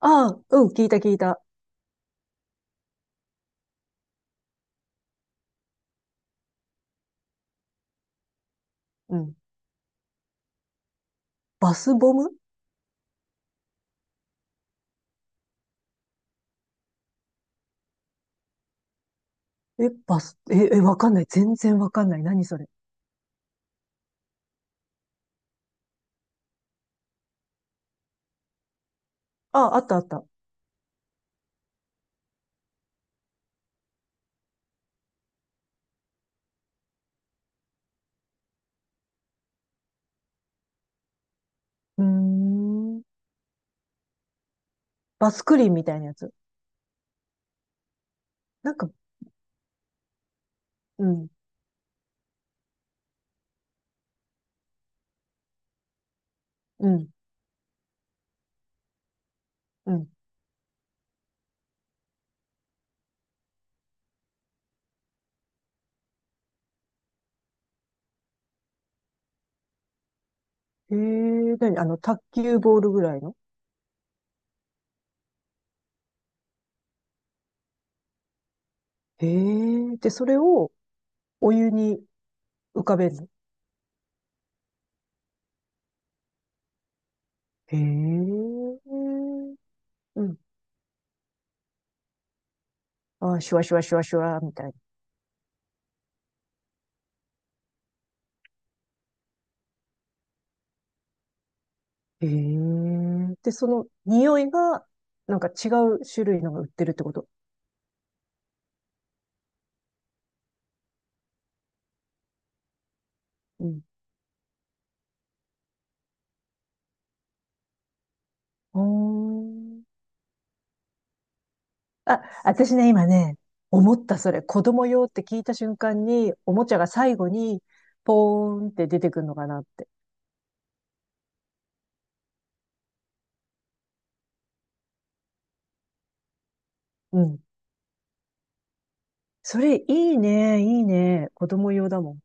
ああ、うん、聞いた聞いた。うん。バスボム？え、バス、え、え、わかんない。全然わかんない。何それ？ああ、あったあった。うーん。バスクリーンみたいなやつ。なんか、うん、うん、うん。へえ、何？卓球ボールぐらいの？へえ、で、それをお湯に浮かべるの？へえ、うん。あ、シュワシュワシュワシュワ、みたいな。へえ、で、その匂いが、なんか違う種類のが売ってるってこと？うん。おー、あ、私ね、今ね、思ったそれ、子供用って聞いた瞬間に、おもちゃが最後に、ポーンって出てくるのかなって。うん。それ、いいね、いいね。子供用だもん。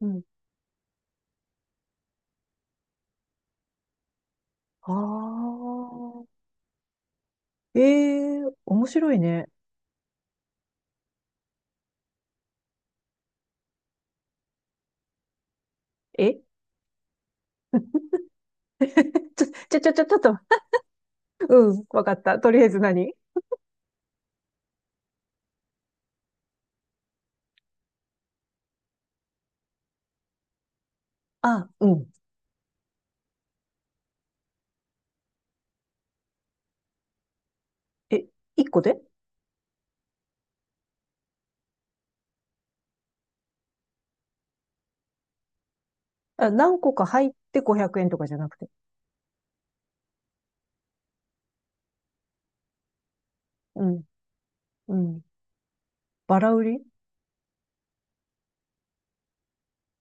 うん。ああ。ええー、面白いね。え、 ちょっと。うん、わかった。とりあえず何？あ、うん。え、1個で？あ、何個か入って500円とかじゃなくて？うん、うん。バラ売り？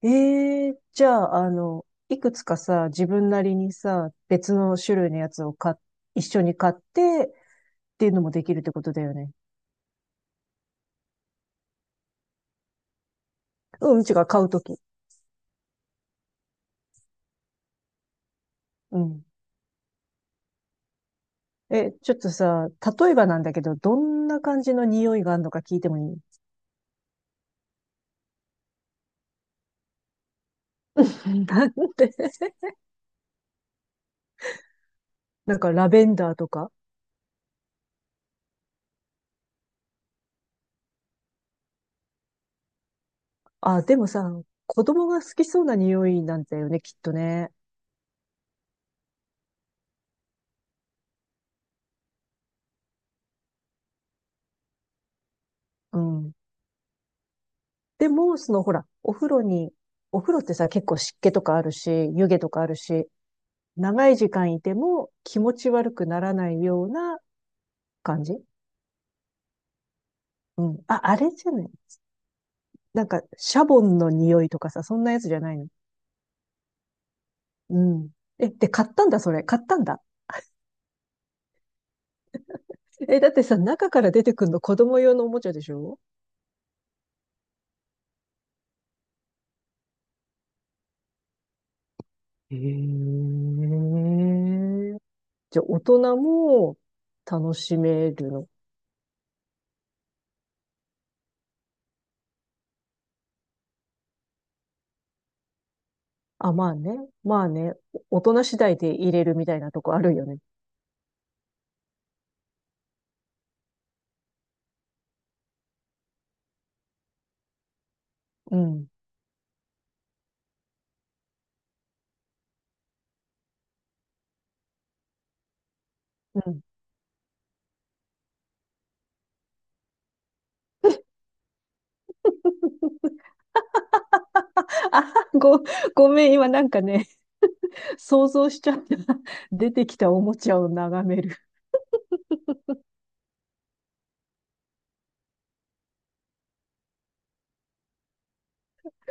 ええー、じゃあ、いくつかさ、自分なりにさ、別の種類のやつを一緒に買ってっていうのもできるってことだよね？うん、違う、買うとき。うん。え、ちょっとさ、例えばなんだけど、どんな感じの匂いがあるのか聞いてもいい？ なんで？ なんかラベンダーとか。あ、でもさ、子供が好きそうな匂いなんだよね、きっとね。うん。でも、そのほら、お風呂ってさ、結構湿気とかあるし、湯気とかあるし、長い時間いても気持ち悪くならないような感じ。うん。あ、あれじゃない？なんか、シャボンの匂いとかさ、そんなやつじゃないの？うん。え、で、買ったんだ、それ。買ったんだ。え、だってさ、中から出てくるの子供用のおもちゃでしょ？へえ。じゃあ、大人も楽しめるの？あ、まあね。まあね。大人次第で入れるみたいなとこあるよね。うん。うん。あ、ごめん、今なんかね、想像しちゃった。出てきたおもちゃを眺める。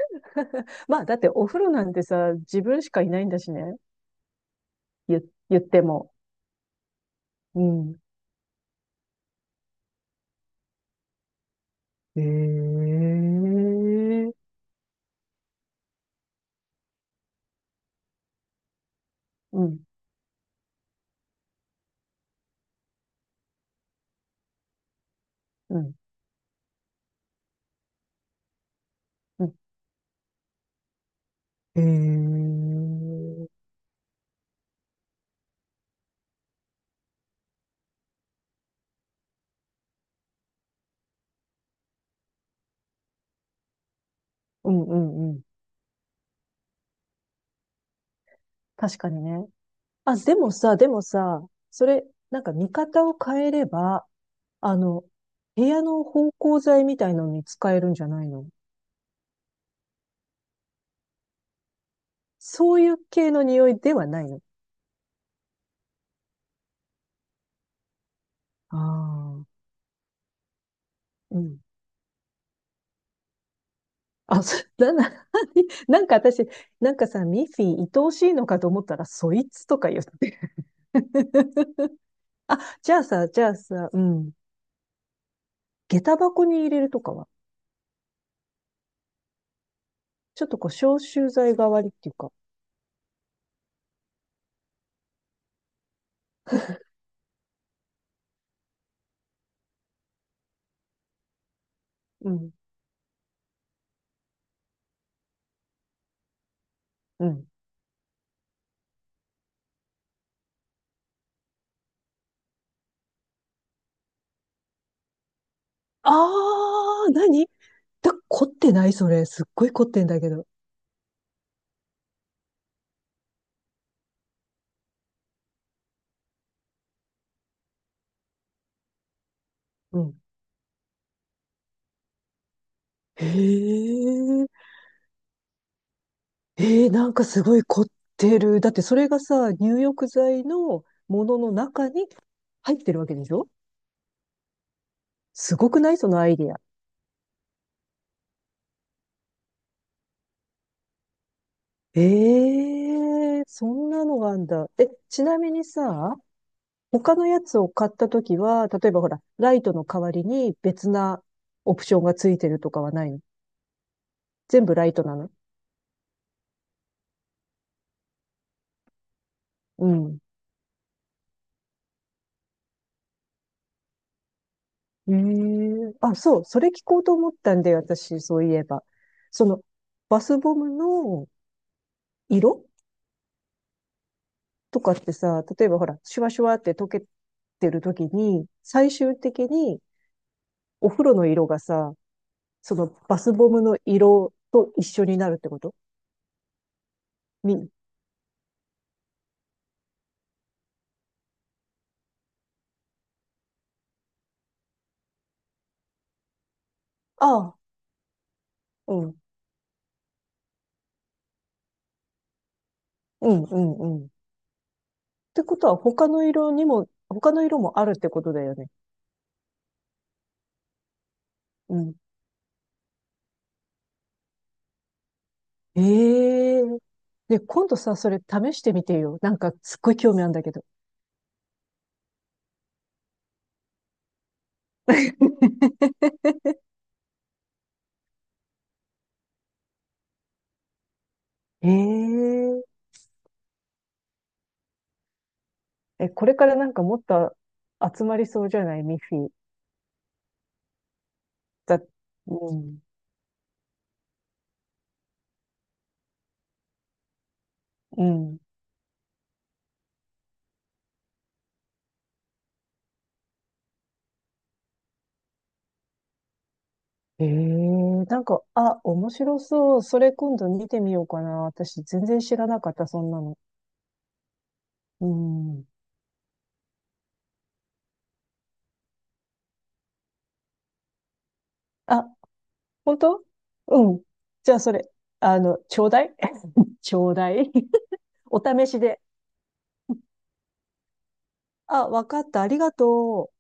まあ、だってお風呂なんてさ、自分しかいないんだしね。言、言っても。うん。えー、うん。うん。うん。えー、うん。うんうん。確かにね。あ、でもさ、でもさ、それ、なんか見方を変えれば、あの、部屋の芳香剤みたいのに使えるんじゃないの？そういう系の匂いではないの？ああー、うん。あ、そ、な、な、なんか私、なんかさ、ミッフィー、愛おしいのかと思ったら、そいつとか言って。あ、じゃあさ、じゃあさ、うん。下駄箱に入れるとかは、ちょっとこう、消臭剤代わりっていうか、うん、うん。あー、何だ、凝ってない？それ。すっごい凝ってんだけど。うん。へえ、えー、なんかすごい凝ってる。だってそれがさ、入浴剤のものの中に入ってるわけでしょ？すごくない？そのアイディア。ええ、そんなのがあんだ。え、ちなみにさ、他のやつを買ったときは、例えばほら、ライトの代わりに別なオプションがついてるとかはないの？全部ライトなの？うん。ええ、あ、そう、それ聞こうと思ったんだよ、私、そういえば。その、バスボムの色とかってさ、例えばほら、シュワシュワって溶けてるときに、最終的にお風呂の色がさ、そのバスボムの色と一緒になるってこと？み、ああ、うん、うん、うん、うん。ってことは、他の色もあるってことだよね。うん。ええ、で、今度さ、それ試してみてよ。なんか、すっごい興味あるんだけど。えええ、これからなんかもっと集まりそうじゃない？ミッフィー。だ、うん、うん。ええ、なんか、あ、面白そう。それ今度見てみようかな。私全然知らなかった、そんなの。うん。あ、本当？うん。じゃあ、それ、ちょうだい。 ちょうだい。 お試しで。あ、わかった。ありがとう。